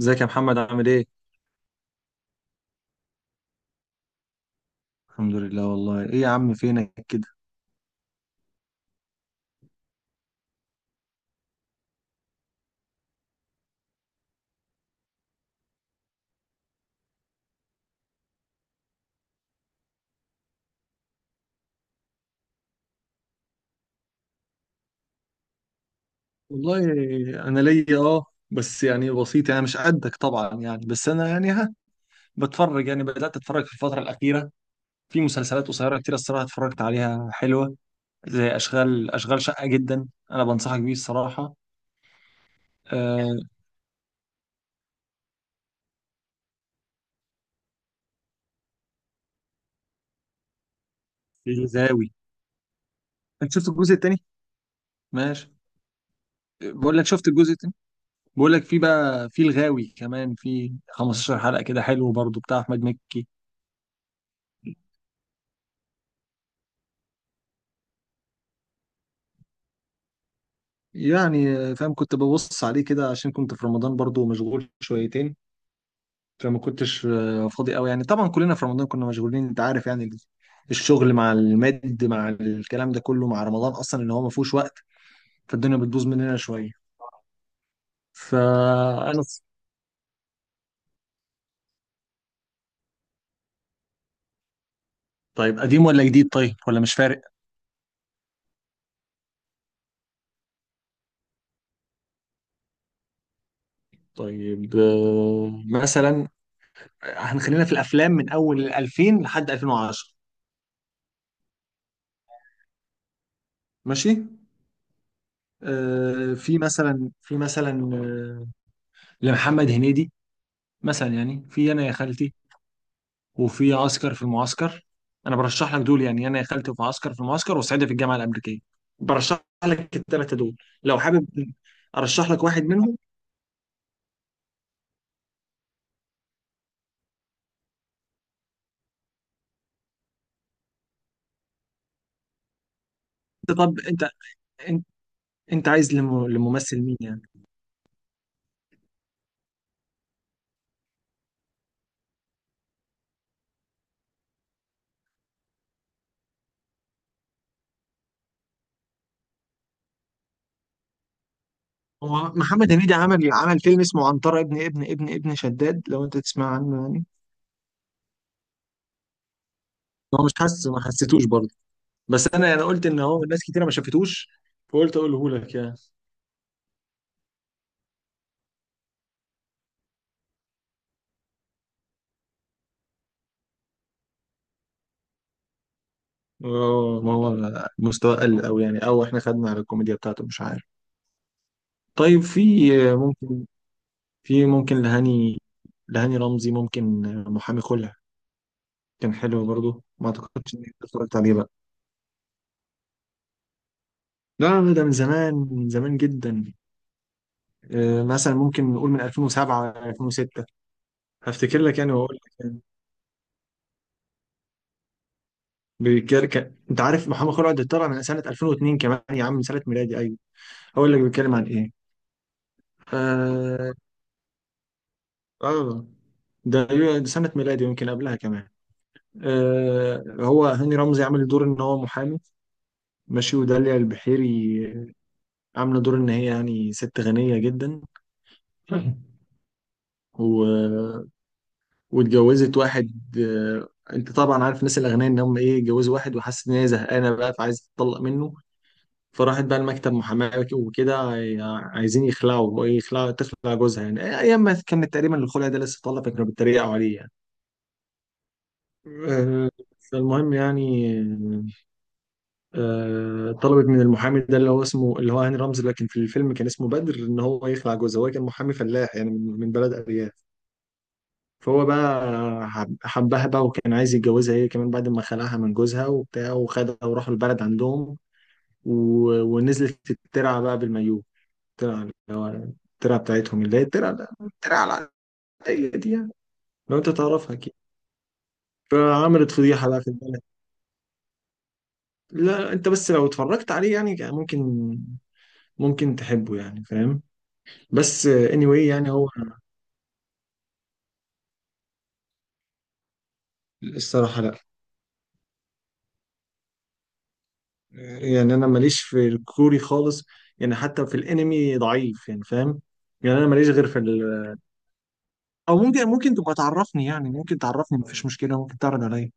ازيك يا محمد، عامل ايه؟ الحمد لله. والله ايه يا عم، فينك كده. والله، انا ليا بس يعني بسيط، يعني مش قدك طبعا، يعني بس انا يعني بتفرج. يعني بدات اتفرج في الفتره الاخيره في مسلسلات قصيره كتير، الصراحه اتفرجت عليها حلوه، زي اشغال شقه جدا. انا بنصحك بيه الصراحه. آه. الغاوي. انت شفت الجزء التاني؟ ماشي. بقول لك شفت الجزء التاني. بقول لك في بقى، في الغاوي كمان في 15 حلقه كده، حلو برضو، بتاع احمد مكي. يعني فاهم، كنت ببص عليه كده عشان كنت في رمضان برضو مشغول شويتين، فما كنتش فاضي قوي. يعني طبعا كلنا في رمضان كنا مشغولين، انت عارف. يعني الشغل مع المد، مع الكلام ده كله مع رمضان، اصلا ان هو ما فيهوش وقت. فالدنيا بتبوظ مننا شويه. فانا... طيب، قديم ولا جديد؟ طيب، ولا مش فارق. طيب مثلا هنخلينا في الافلام من اول 2000 لحد 2010. ماشي. آه، في مثلا في مثلا آه، لمحمد هنيدي مثلا، يعني في انا يا خالتي، وفي عسكر في المعسكر. انا برشح لك دول، يعني انا يا خالتي، وفي عسكر في المعسكر، وصعيدي في الجامعه الامريكيه. برشح لك الثلاثه دول، لو حابب ارشح لك واحد منهم. طب انت, انت عايز لممثل مين يعني؟ هو محمد هنيدي عمل فيلم اسمه عنترة ابن شداد، لو انت تسمع عنه يعني. هو مش حاسس، ما حسيتوش برضه، بس انا يعني قلت ان هو ناس كتيره ما شافتوش، فقلت اقوله لك يعني. اه، ما هو مستوى قل أوي، يعني أو إحنا خدنا على الكوميديا بتاعته، مش عارف. طيب، في ممكن، في ممكن لهاني رمزي، ممكن محامي خلع. كان حلو برضه، ما أعتقدش إني اتفرجت عليه بقى. لا لا، ده من زمان، من زمان جدا. مثلا ممكن نقول من 2007، 2006. هفتكر لك يعني، وأقول لك يعني. بيتكلم أنت عارف، محمد خلع ده طلع من سنة 2002 كمان يا عم، من سنة ميلادي، أيوه. هقول لك بيتكلم عن إيه. آه. آه. ده ده سنة ميلادي، يمكن قبلها كمان. هو هاني رمزي عامل دور ان هو محامي. ماشي. وداليا البحيري عامله دور ان هي يعني ست غنيه جدا، و... واتجوزت واحد. آه، انت طبعا عارف الناس الاغنياء ان هم ايه، اتجوزوا واحد وحست ان هي زهقانه بقى، فعايزه تطلق منه. فراحت بقى المكتب محاماه وكده، عايزين يخلعوا، تخلع جوزها يعني. ايام ما كانت تقريبا الخلع ده لسه طالع، فكانوا بيتريقوا عليه يعني. آه، فالمهم يعني، طلبت من المحامي ده اللي هو اسمه اللي هو هاني رمزي، لكن في الفيلم كان اسمه بدر، ان هو يخلع جوزها. هو كان محامي فلاح يعني، من بلد ارياف. فهو بقى حبها بقى، وكان عايز يتجوزها هي كمان بعد ما خلعها من جوزها وبتاع، وخدها وراحوا البلد عندهم، و... ونزلت الترعه بقى بالمايوه. الترعه اللي هو، الترعه بتاعتهم، اللي هي الترعه، العاديه دي يعني، لو انت تعرفها كده. فعملت فضيحه بقى في البلد. لا، انت بس لو اتفرجت عليه يعني ممكن، ممكن تحبه يعني، فاهم؟ بس anyway، يعني هو. الصراحة لا، يعني أنا ماليش في الكوري خالص، يعني حتى في الأنمي ضعيف يعني، فاهم. يعني أنا ماليش غير في ال... أو ممكن تبقى تعرفني يعني، ممكن تعرفني، مفيش مشكلة، ممكن تعرض عليا.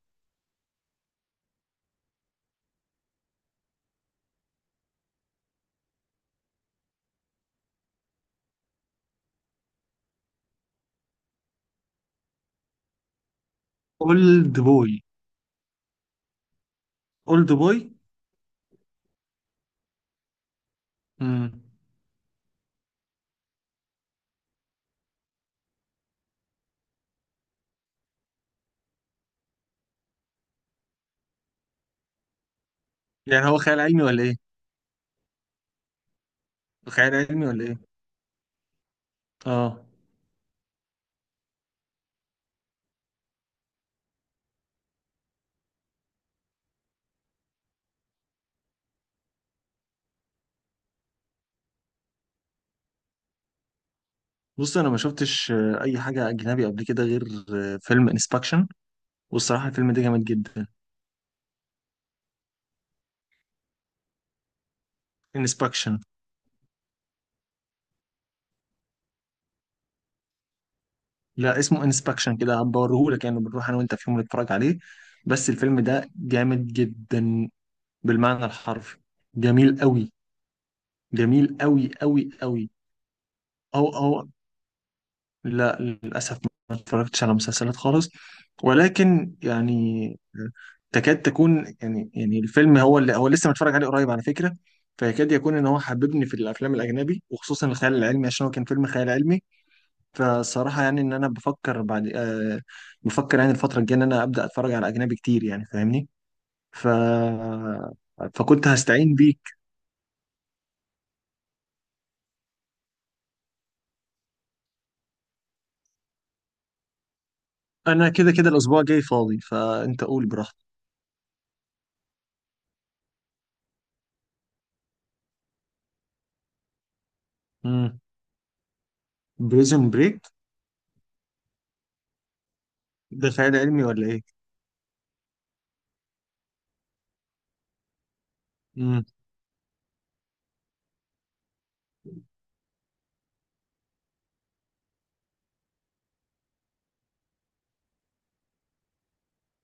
أولد بوي. أولد بوي. امم يعني هو خيال علمي ولا إيه؟ خيال علمي ولا إيه؟ آه. بص، أنا ما شفتش أي حاجة أجنبي قبل كده غير فيلم انسبكشن، والصراحة الفيلم ده جامد جدا. انسبكشن. لا، اسمه انسبكشن كده، هبوريهولك يعني، بنروح انا وانت في يوم نتفرج عليه. بس الفيلم ده جامد جدا، بالمعنى الحرفي. جميل قوي. جميل قوي قوي قوي. او... او... لا، للاسف ما اتفرجتش على مسلسلات خالص، ولكن يعني تكاد تكون يعني، الفيلم هو اللي هو لسه متفرج عليه قريب على فكرة. فيكاد يكون ان هو حببني في الافلام الاجنبي، وخصوصا الخيال العلمي عشان هو كان فيلم خيال علمي. فصراحة يعني إن أنا بفكر بعد، بفكر يعني الفترة الجاية إن أنا أبدأ أتفرج على أجنبي كتير، يعني فاهمني. ف... فكنت هستعين بيك. أنا كده كده الأسبوع الجاي فاضي، فأنت قول براحتك. امم. بريزون بريك ده خيال علمي ولا إيه؟ امم.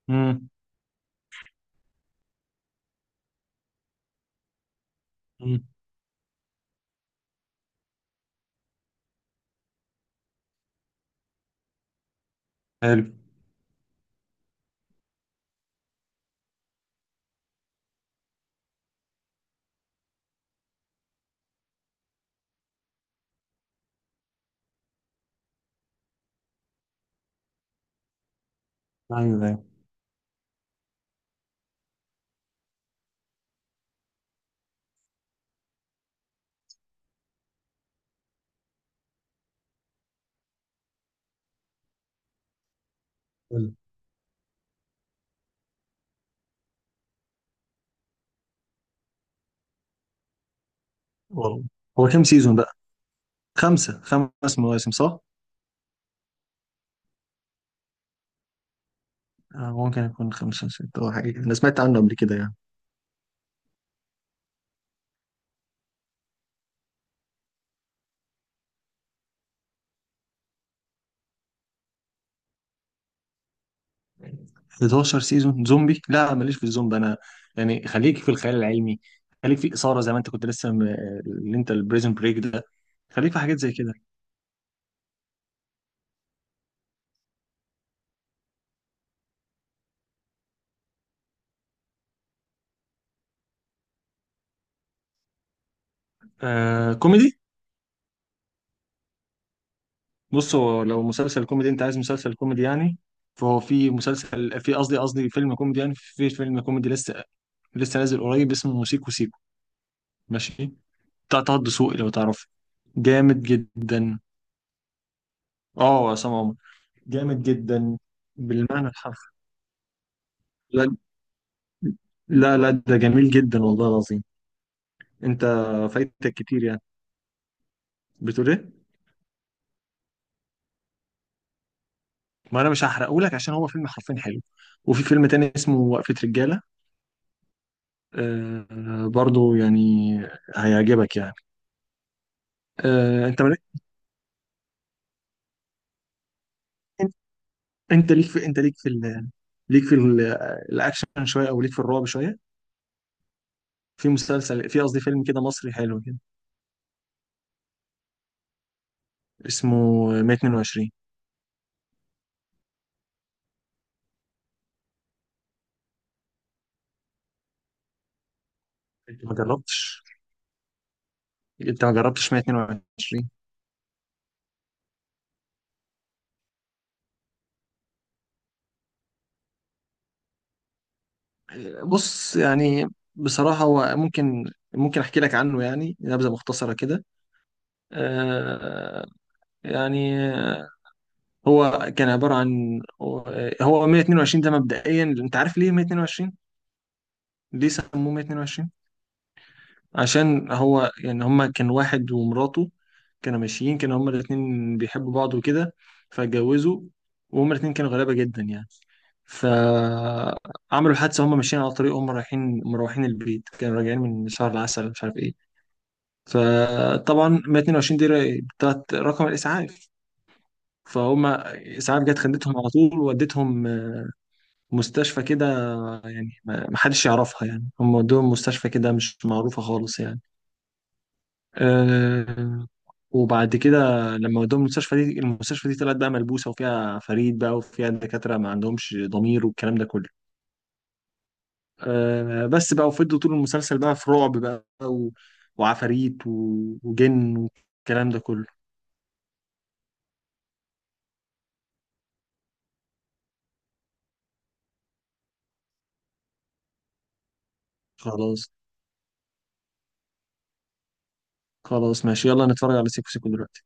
امم. امم. حلو. أيوه، أيوه. حلو. والله. هو كام سيزون بقى؟ خمسة، خمس مواسم، صح؟ آه، ممكن يكون خمسة ستة أو حاجة، أنا سمعت عنه قبل كده يعني. 11 سيزون زومبي؟ لا، ماليش في الزومبي انا. يعني خليك في الخيال العلمي، خليك في الاثاره زي ما انت كنت لسه اللي انت البريزن بريك ده. خليك في حاجات زي كده. آه، كوميدي. بص، هو لو مسلسل كوميدي انت عايز، مسلسل كوميدي يعني، فهو في مسلسل، في قصدي فيلم كوميدي يعني، في فيلم كوميدي لسه، نازل قريب اسمه سيكو سيكو. ماشي. بتاع طه دسوقي لو تعرفه. جامد جدا. اه، عصام عمر. جامد جدا، بالمعنى الحرفي. لا. لا لا، ده جميل جدا والله العظيم. انت فايتك كتير يعني. بتقول ايه؟ ما انا مش هحرقه لك عشان هو فيلم حرفيا حلو. وفي فيلم تاني اسمه وقفة رجالة، برضو يعني هيعجبك يعني. آه، انت مالك؟ انت. انت ليك في ال... ليك في ال... الاكشن شوية، او ليك في الرعب شوية. في مسلسل، في قصدي فيلم كده مصري حلو كده، اسمه 122. انت ما جربتش، 122. بص يعني، بصراحة هو ممكن، ممكن أحكي لك عنه يعني، نبذة مختصرة كده. آه، يعني هو كان عبارة عن. هو 122 ده مبدئيا، أنت عارف ليه 122؟ ليه سموه 122؟ عشان هو يعني، هما كان واحد ومراته، كانوا ماشيين، كانوا هما الاتنين بيحبوا بعض وكده، فاتجوزوا، وهما الاتنين كانوا غلابة جدا يعني. فعملوا حادثة، هما ماشيين على طريق، هما رايحين مروحين البيت، كانوا راجعين من شهر العسل، مش عارف إيه. فطبعا 122 دي بتاعت رقم الاسعاف، فهم اسعاف جت خدتهم على طول وودتهم مستشفى كده. يعني ما حدش يعرفها يعني، هم ودوهم مستشفى كده مش معروفه خالص يعني. أه. وبعد كده لما ودوهم المستشفى دي، المستشفى دي طلعت بقى ملبوسه، وفيها فريد بقى، وفيها دكاتره ما عندهمش ضمير والكلام ده كله. أه، بس بقى. وفضلوا طول المسلسل بقى في رعب بقى، و... وعفاريت و... وجن والكلام ده كله. خلاص. خلاص، ماشي، يلا نتفرج على سيكو سيكو دلوقتي.